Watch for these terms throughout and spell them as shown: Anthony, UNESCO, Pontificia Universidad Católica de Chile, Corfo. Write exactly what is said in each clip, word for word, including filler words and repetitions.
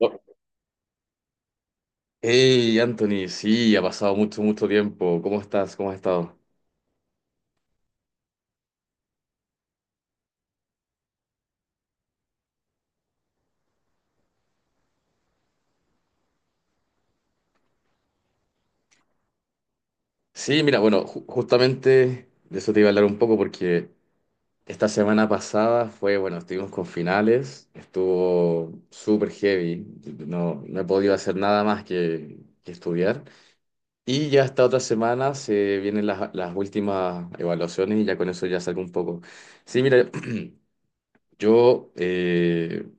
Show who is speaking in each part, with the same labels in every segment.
Speaker 1: Oh, hey, Anthony, sí, ha pasado mucho, mucho tiempo. ¿Cómo estás? ¿Cómo has estado? Sí, mira, bueno, ju- justamente de eso te iba a hablar un poco porque esta semana pasada fue, bueno, estuvimos con finales, estuvo súper heavy, no, no he podido hacer nada más que, que estudiar. Y ya esta otra semana se vienen las, las últimas evaluaciones y ya con eso ya salgo un poco. Sí, mira, yo, eh,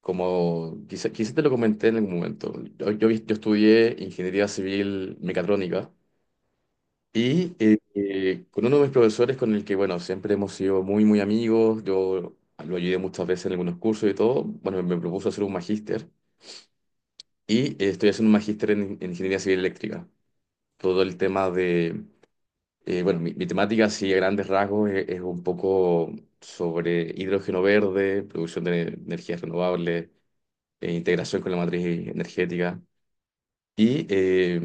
Speaker 1: como quizá, quizá te lo comenté en algún momento, yo, yo, yo estudié ingeniería civil mecatrónica y eh, eh, con uno de mis profesores con el que, bueno, siempre hemos sido muy, muy amigos, yo lo ayudé muchas veces en algunos cursos y todo, bueno, me propuso hacer un magíster y eh, estoy haciendo un magíster en, en ingeniería civil eléctrica. Todo el tema de, eh, bueno, mi, mi temática, así a grandes rasgos, es, es un poco sobre hidrógeno verde, producción de energías renovables eh, integración con la matriz energética. Y eh,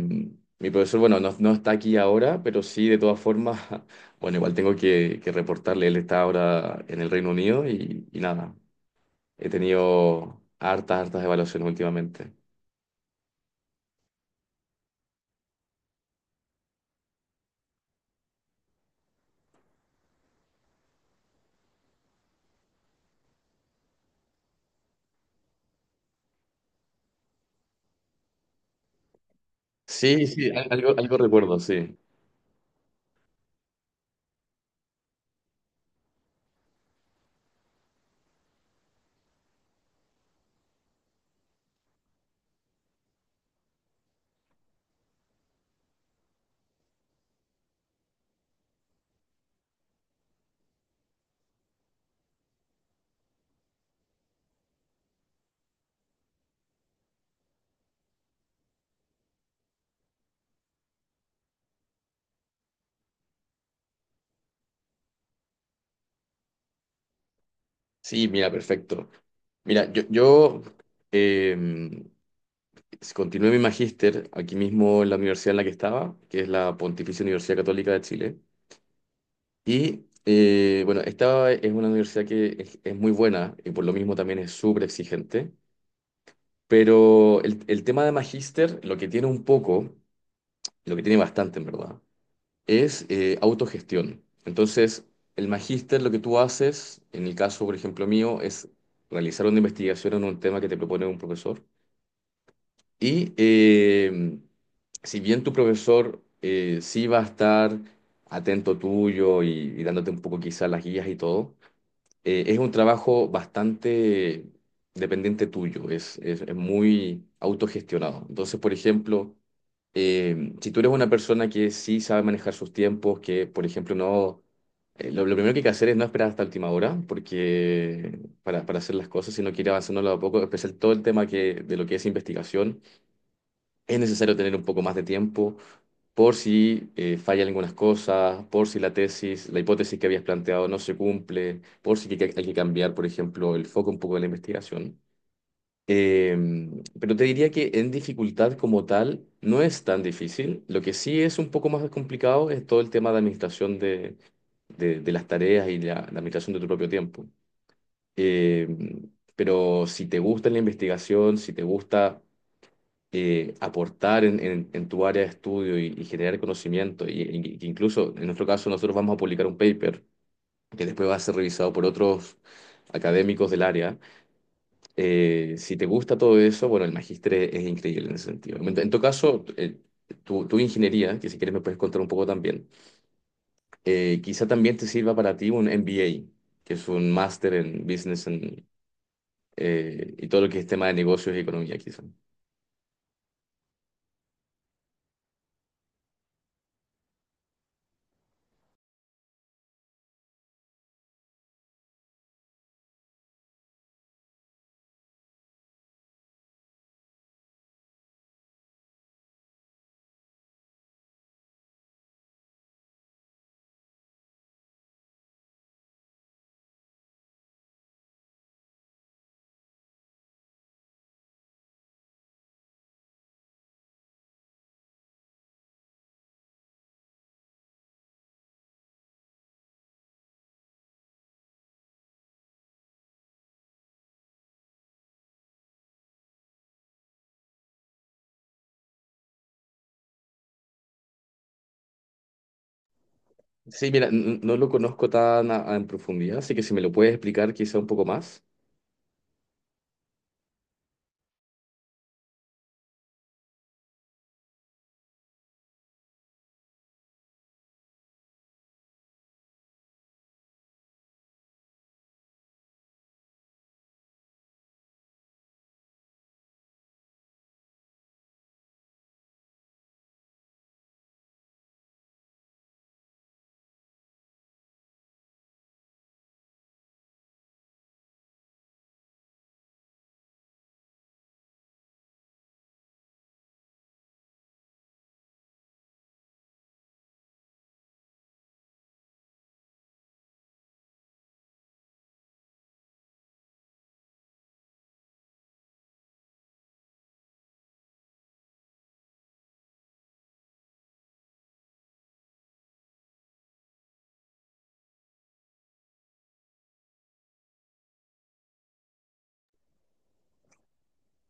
Speaker 1: mi profesor, bueno, no, no está aquí ahora, pero sí, de todas formas, bueno, igual tengo que, que reportarle, él está ahora en el Reino Unido y, y nada, he tenido hartas, hartas evaluaciones últimamente. Sí, sí, al- algo, algo recuerdo, sí. Sí, mira, perfecto. Mira, yo, yo em, continué mi magíster aquí mismo en la universidad en la que estaba, que es la Pontificia Universidad Católica de Chile. Y eh, bueno, esta es una universidad que es, es muy buena y por lo mismo también es súper exigente, pero el, el tema de magíster, lo que tiene un poco, lo que tiene bastante en verdad, es eh, autogestión. Entonces, el magíster lo que tú haces, en el caso, por ejemplo, mío, es realizar una investigación en un tema que te propone un profesor y eh, si bien tu profesor eh, sí va a estar atento tuyo y, y dándote un poco quizás las guías y todo, eh, es un trabajo bastante dependiente tuyo, es, es, es muy autogestionado. Entonces, por ejemplo, eh, si tú eres una persona que sí sabe manejar sus tiempos, que, por ejemplo, no... eh, lo, lo primero que hay que hacer es no esperar hasta última hora, porque para, para hacer las cosas, sino que ir avanzando a poco, especial todo el tema que, de lo que es investigación es necesario tener un poco más de tiempo por si eh, fallan algunas cosas, por si la tesis, la hipótesis que habías planteado no se cumple, por si hay que, hay que cambiar, por ejemplo, el foco un poco de la investigación. Em, pero te diría que en dificultad como tal no es tan difícil. Lo que sí es un poco más complicado es todo el tema de administración de, de, de las tareas y la, la administración de tu propio tiempo. Em, pero si te gusta la investigación, si te gusta eh, aportar en, en- en tu área de estudio y, y generar conocimiento. Y, y- y incluso en nuestro caso nosotros vamos a publicar un paper que después va a ser revisado por otros académicos del área. Eh, si te gusta todo eso, bueno, el magíster es, es increíble en ese sentido. En, en tu caso, eh, tu, tu ingeniería, que si quieres me puedes contar un poco también, eh, quizá también te sirva para ti un M B A, que es un máster en business and, eh, y todo lo que es tema de negocios y economía, quizá. Sí, mira, n- no lo conozco tan a- a en profundidad, así que si me lo puedes explicar quizá un poco más.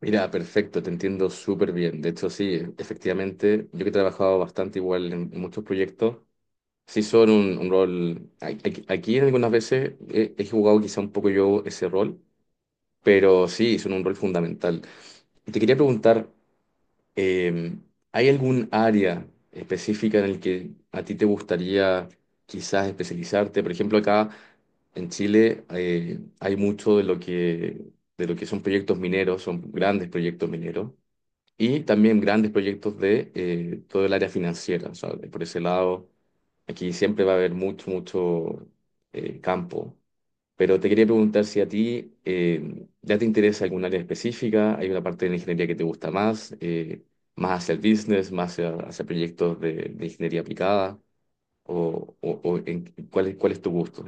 Speaker 1: Mira, perfecto, te entiendo súper bien. De hecho, sí, e- efectivamente, yo que he trabajado bastante igual en, en muchos proyectos, sí son un, un rol, a- aquí aquí algunas veces he, he jugado quizá un poco yo ese rol, pero sí, son un rol fundamental. Y te quería preguntar, Eh, ¿hay algún área específica en el que a ti te gustaría quizás especializarte? Por ejemplo, acá en Chile eh, hay mucho de lo que, de lo que son proyectos mineros, son grandes proyectos mineros, y también grandes proyectos de eh, todo el área financiera. O sea, por ese lado, aquí siempre va a haber mucho, mucho eh, campo. Pero te quería preguntar si a ti eh, ya te interesa algún área específica, hay una parte de la ingeniería que te gusta más, eh, más hacia el business, más hacia, hacia proyectos de, de ingeniería aplicada, o, o- o en- cuál es, cuál es tu gusto.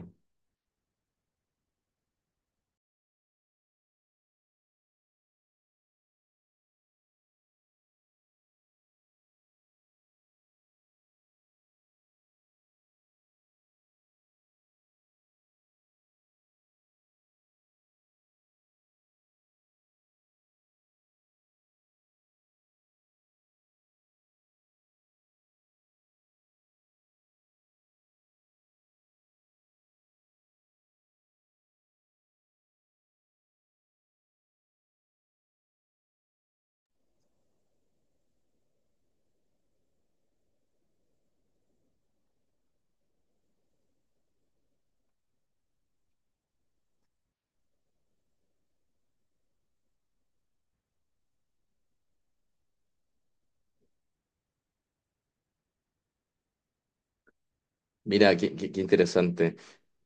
Speaker 1: Mira, qué, qué- qué interesante.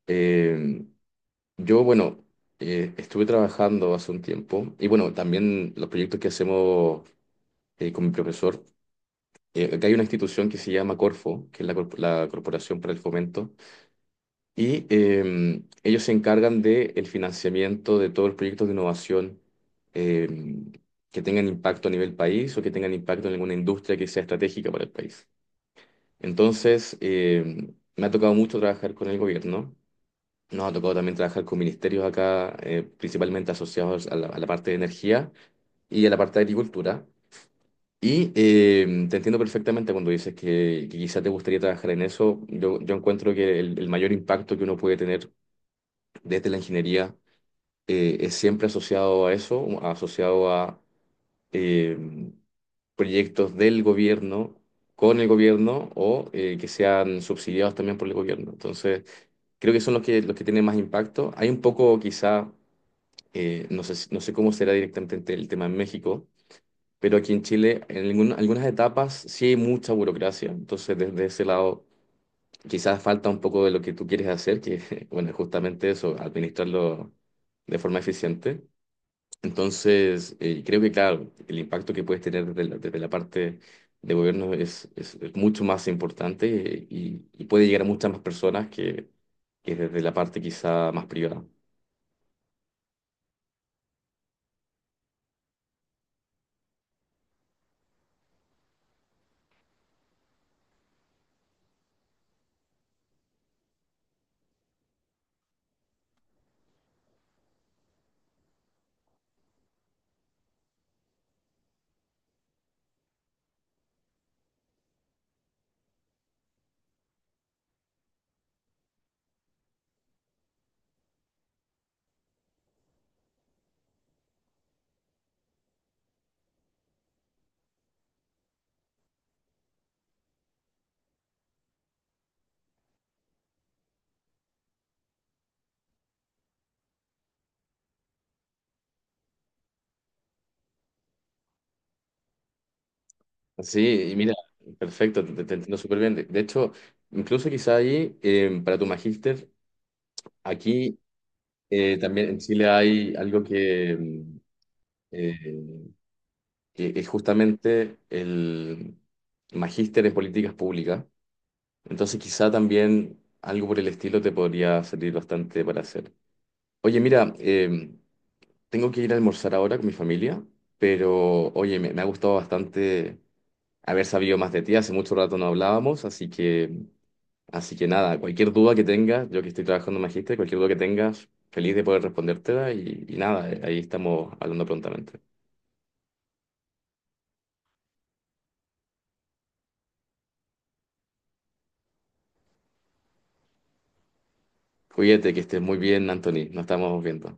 Speaker 1: Eh, yo, bueno, eh, estuve trabajando hace un tiempo y bueno, también los proyectos que hacemos eh, con mi profesor, eh, acá hay una institución que se llama Corfo, que es la, corp- la Corporación para el Fomento. Y eh, ellos se encargan del financiamiento de todos los proyectos de innovación eh, que tengan impacto a nivel país o que tengan impacto en alguna industria que sea estratégica para el país. Entonces, eh, me ha tocado mucho trabajar con el gobierno. Nos ha tocado también trabajar con ministerios acá, eh, principalmente asociados a la, a la parte de energía y a la parte de agricultura. Y eh, te entiendo perfectamente cuando dices que, que quizá te gustaría trabajar en eso. Yo, yo encuentro que el, el mayor impacto que uno puede tener desde la ingeniería eh, es siempre asociado a eso, asociado a eh, proyectos del gobierno, con el gobierno o eh, que sean subsidiados también por el gobierno. Entonces, creo que son los que, los que tienen más impacto. Hay un poco quizá, eh, no sé, si- no sé cómo será directamente el tema en México. Pero aquí en Chile, en algún- algunas etapas sí hay mucha burocracia, entonces desde ese lado quizás falta un poco de lo que tú quieres hacer, que bueno, es justamente eso, administrarlo de forma eficiente. Entonces, eh, creo que claro, el impacto que puedes tener desde la, desde la parte de gobierno es, es, es mucho más importante eh, y, y puede llegar a muchas más personas que, que desde la parte quizá más privada. Sí, y mira, perfecto, te, te entiendo súper bien. De, de hecho, incluso quizá ahí, eh, para tu magíster, aquí eh, también en Chile hay algo que, mm, eh, que es justamente el magíster en políticas públicas. Entonces quizá también algo por el estilo te podría servir bastante para hacer. Oye, mira, eh, tengo que ir a almorzar ahora con mi familia, pero oye, me, me ha gustado bastante haber sabido más de ti. Hace mucho rato no hablábamos, así que, así que nada, cualquier duda que tengas, yo que estoy trabajando en magíster, cualquier duda que tengas, feliz de poder respondértela y, y nada, eh, ahí estamos hablando prontamente. Cuídate, que estés muy bien, Anthony. Nos estamos viendo.